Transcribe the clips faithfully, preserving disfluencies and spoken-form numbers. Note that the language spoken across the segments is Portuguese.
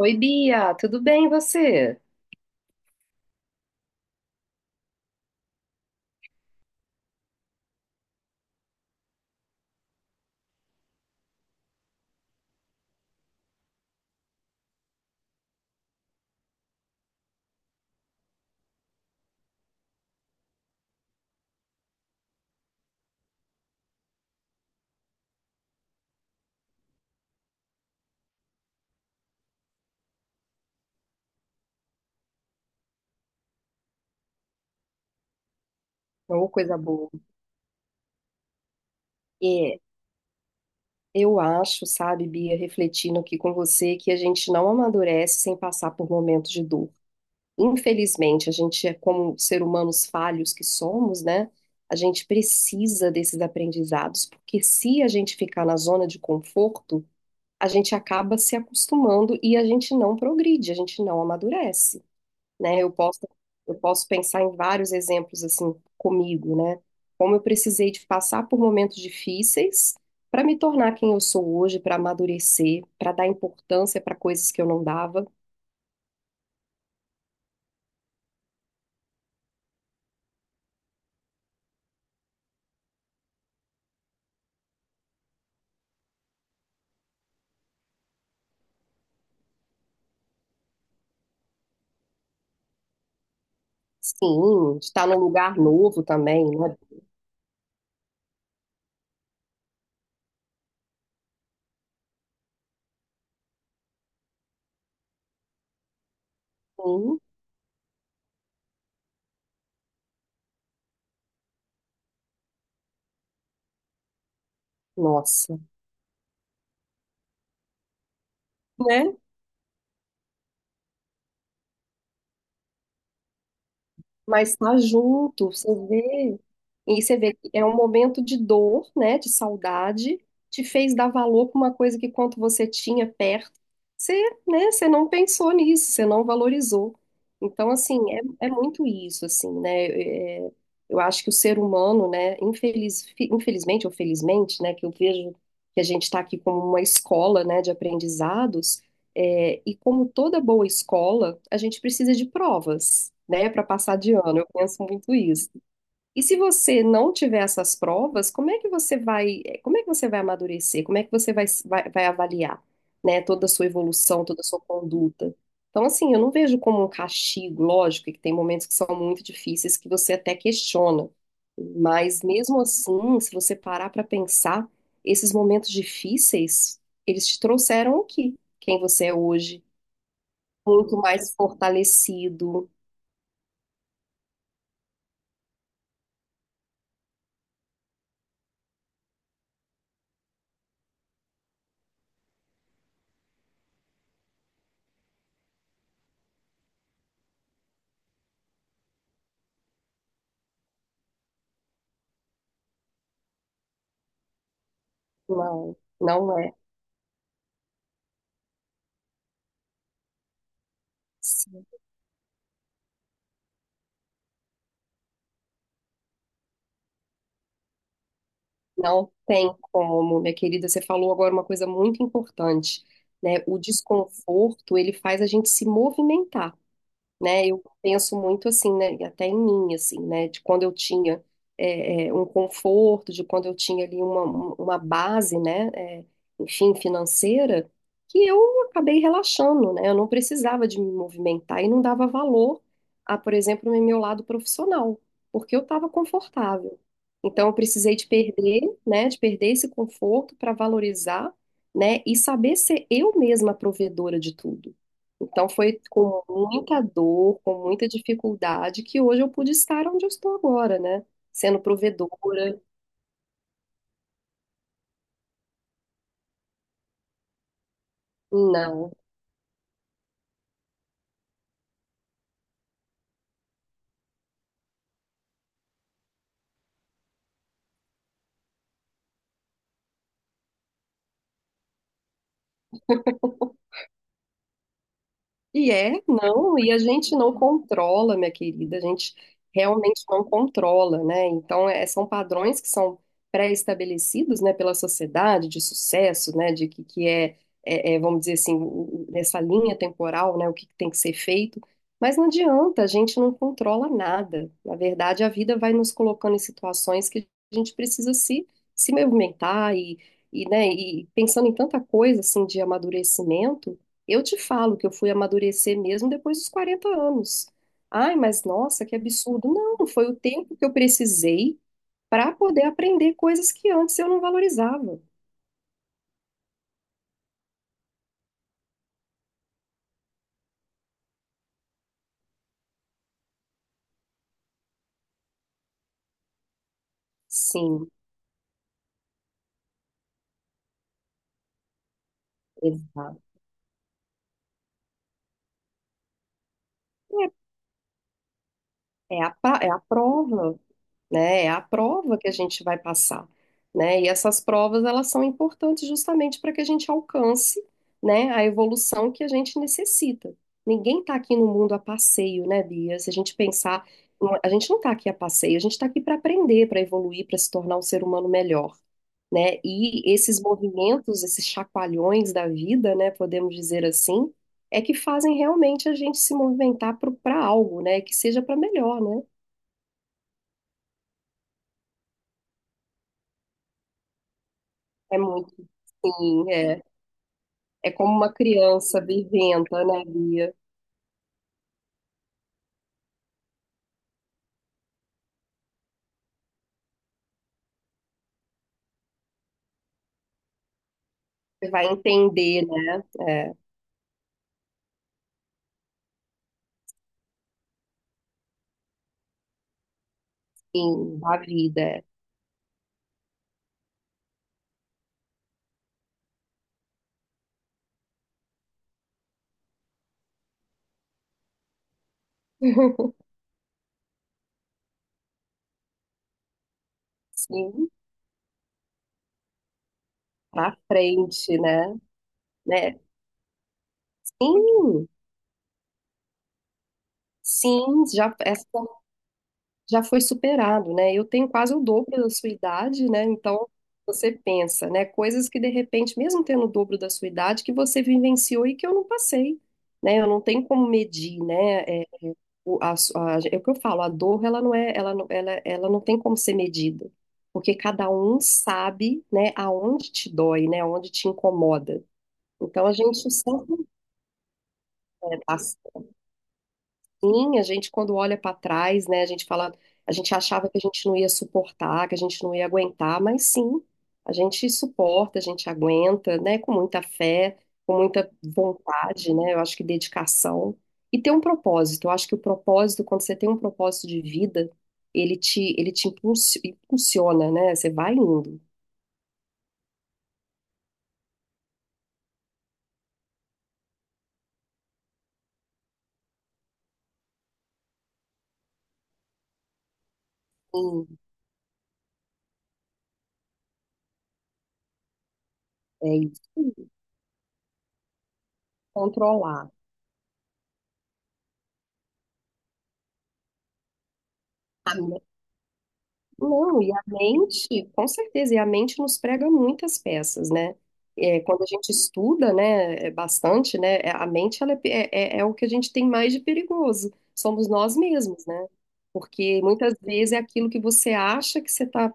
Oi, Bia, tudo bem e você? Ou coisa boa. É, eu acho, sabe, Bia, refletindo aqui com você, que a gente não amadurece sem passar por momentos de dor. Infelizmente, a gente é como ser humanos falhos que somos, né? A gente precisa desses aprendizados, porque se a gente ficar na zona de conforto, a gente acaba se acostumando e a gente não progride, a gente não amadurece. Né? Eu posso, eu posso pensar em vários exemplos assim comigo, né? Como eu precisei de passar por momentos difíceis para me tornar quem eu sou hoje, para amadurecer, para dar importância para coisas que eu não dava. Sim, estar num lugar novo também, né? Sim, nossa, né? Mas tá junto, você vê, e você vê que é um momento de dor, né, de saudade, te fez dar valor para uma coisa que quando você tinha perto, você, né, você não pensou nisso, você não valorizou. Então, assim, é, é muito isso, assim, né, é, eu acho que o ser humano, né, infeliz, fi- infelizmente ou felizmente, né, que eu vejo que a gente está aqui como uma escola, né, de aprendizados, é, e como toda boa escola, a gente precisa de provas, né, para passar de ano. Eu penso muito isso. E se você não tiver essas provas, como é que você vai, eh, como é que você vai amadurecer? Como é que você vai, vai, vai avaliar, né, toda a sua evolução, toda a sua conduta? Então, assim, eu não vejo como um castigo, lógico, que tem momentos que são muito difíceis que você até questiona. Mas mesmo assim, se você parar para pensar, esses momentos difíceis, eles te trouxeram aqui, quem você é hoje, muito mais fortalecido. Não, não é. Assim. Não tem como, minha querida. Você falou agora uma coisa muito importante, né? O desconforto, ele faz a gente se movimentar, né? Eu penso muito assim, né? E até em mim, assim, né? De quando eu tinha é, é, um conforto, de quando eu tinha ali uma, um, uma base, né? É, enfim, financeira, que eu acabei relaxando, né? Eu não precisava de me movimentar e não dava valor a, por exemplo, no meu lado profissional, porque eu estava confortável. Então, eu precisei de perder, né? De perder esse conforto para valorizar, né? E saber ser eu mesma a provedora de tudo. Então foi com muita dor, com muita dificuldade que hoje eu pude estar onde eu estou agora, né? Sendo provedora. Não. E é, não, e a gente não controla, minha querida, a gente realmente não controla, né? Então, é- são padrões que são pré-estabelecidos, né, pela sociedade de sucesso, né, de que, que é, é, é, vamos dizer assim, o- o- nessa linha temporal, né, o que que tem que ser feito, mas não adianta, a gente não controla nada. Na verdade, a vida vai nos colocando em situações que a gente precisa se, se movimentar e, e, né, e pensando em tanta coisa, assim, de amadurecimento, eu te falo que eu fui amadurecer mesmo depois dos quarenta anos. Ai, mas nossa, que absurdo. Não, foi o tempo que eu precisei para poder aprender coisas que antes eu não valorizava. Sim, exato. É, é a, pa- é a prova. Né? É a prova que a gente vai passar, né? E essas provas, elas são importantes justamente para que a gente alcance, né, a evolução que a gente necessita. Ninguém está aqui no mundo a passeio, né, Bia? Se a gente pensar, a gente não está aqui a passeio, a gente está aqui para aprender, para evoluir, para se tornar um ser humano melhor, né? E esses movimentos, esses chacoalhões da vida, né, podemos dizer assim, é que fazem realmente a gente se movimentar para algo, né? Que seja para melhor, né? É muito, sim, é. É como uma criança viventa, né, Bia? Você vai entender, né? É, sim, da vida. É. Sim, pra frente, né? Né? Sim, sim, já essa. Já foi superado, né? Eu tenho quase o dobro da sua idade, né? Então, você pensa, né? Coisas que de repente, mesmo tendo o dobro da sua idade, que você vivenciou e que eu não passei, né? Eu não tenho como medir, né? É, o, a, su- a- é o que eu falo, a dor, ela não é, ela não, ela, ela não tem como ser medida, porque cada um sabe, né? Aonde te dói, né? Aonde te incomoda. Então, a gente sempre, né, tá. Sim, a gente quando olha para trás, né, a gente fala, a gente achava que a gente não ia suportar, que a gente não ia aguentar, mas sim, a gente suporta, a gente aguenta, né, com muita fé, com muita vontade, né, eu acho que dedicação e ter um propósito. Eu acho que o propósito, quando você tem um propósito de vida, ele te, ele te impulsi- impulsiona, né, você vai indo. Sim, é isso, controlar. Não, e a mente, com certeza, e a mente nos prega muitas peças, né? É, quando a gente estuda, né, é bastante, né, é- a mente, ela é, pe- é, é é o que a gente tem mais de perigoso, somos nós mesmos, né? Porque muitas vezes é aquilo que você acha que você está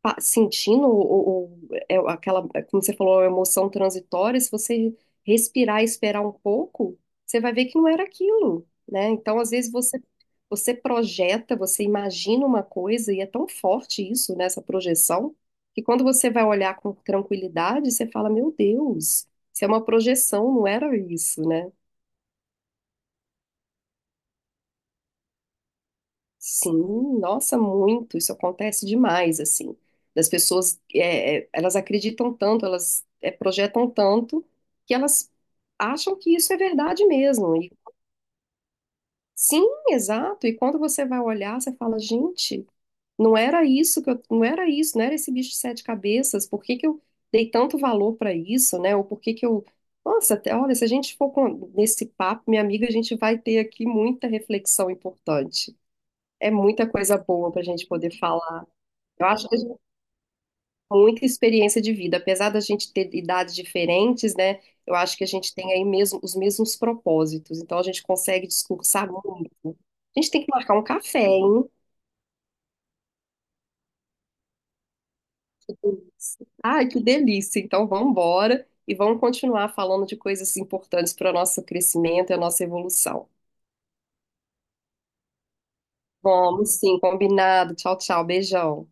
pa- sentindo o, o- é aquela, é, como você falou, a emoção transitória, se você respirar e esperar um pouco, você vai ver que não era aquilo, né? Então, às vezes, você, você projeta, você imagina uma coisa, e é tão forte isso, né, essa projeção, que quando você vai olhar com tranquilidade, você fala, meu Deus, isso é uma projeção, não era isso, né? Sim, nossa, muito, isso acontece demais, assim, das pessoas, é, é, elas acreditam tanto, elas é, projetam tanto, que elas acham que isso é verdade mesmo, e sim, exato, e quando você vai olhar, você fala, gente, não era isso que eu, não era isso, não era esse bicho de sete cabeças, por que que eu dei tanto valor para isso, né, ou por que que eu, nossa, até- olha, se a gente for com- nesse papo, minha amiga, a gente vai ter aqui muita reflexão importante. É muita coisa boa para a gente poder falar. Eu acho que a gente tem muita experiência de vida, apesar da gente ter idades diferentes, né? Eu acho que a gente tem aí mesmo os mesmos propósitos, então a gente consegue discursar muito. A gente tem que marcar um café, hein? Ai, que delícia! Então vamos embora e vamos continuar falando de coisas importantes para o nosso crescimento e a nossa evolução. Vamos sim, combinado. Tchau, tchau, beijão.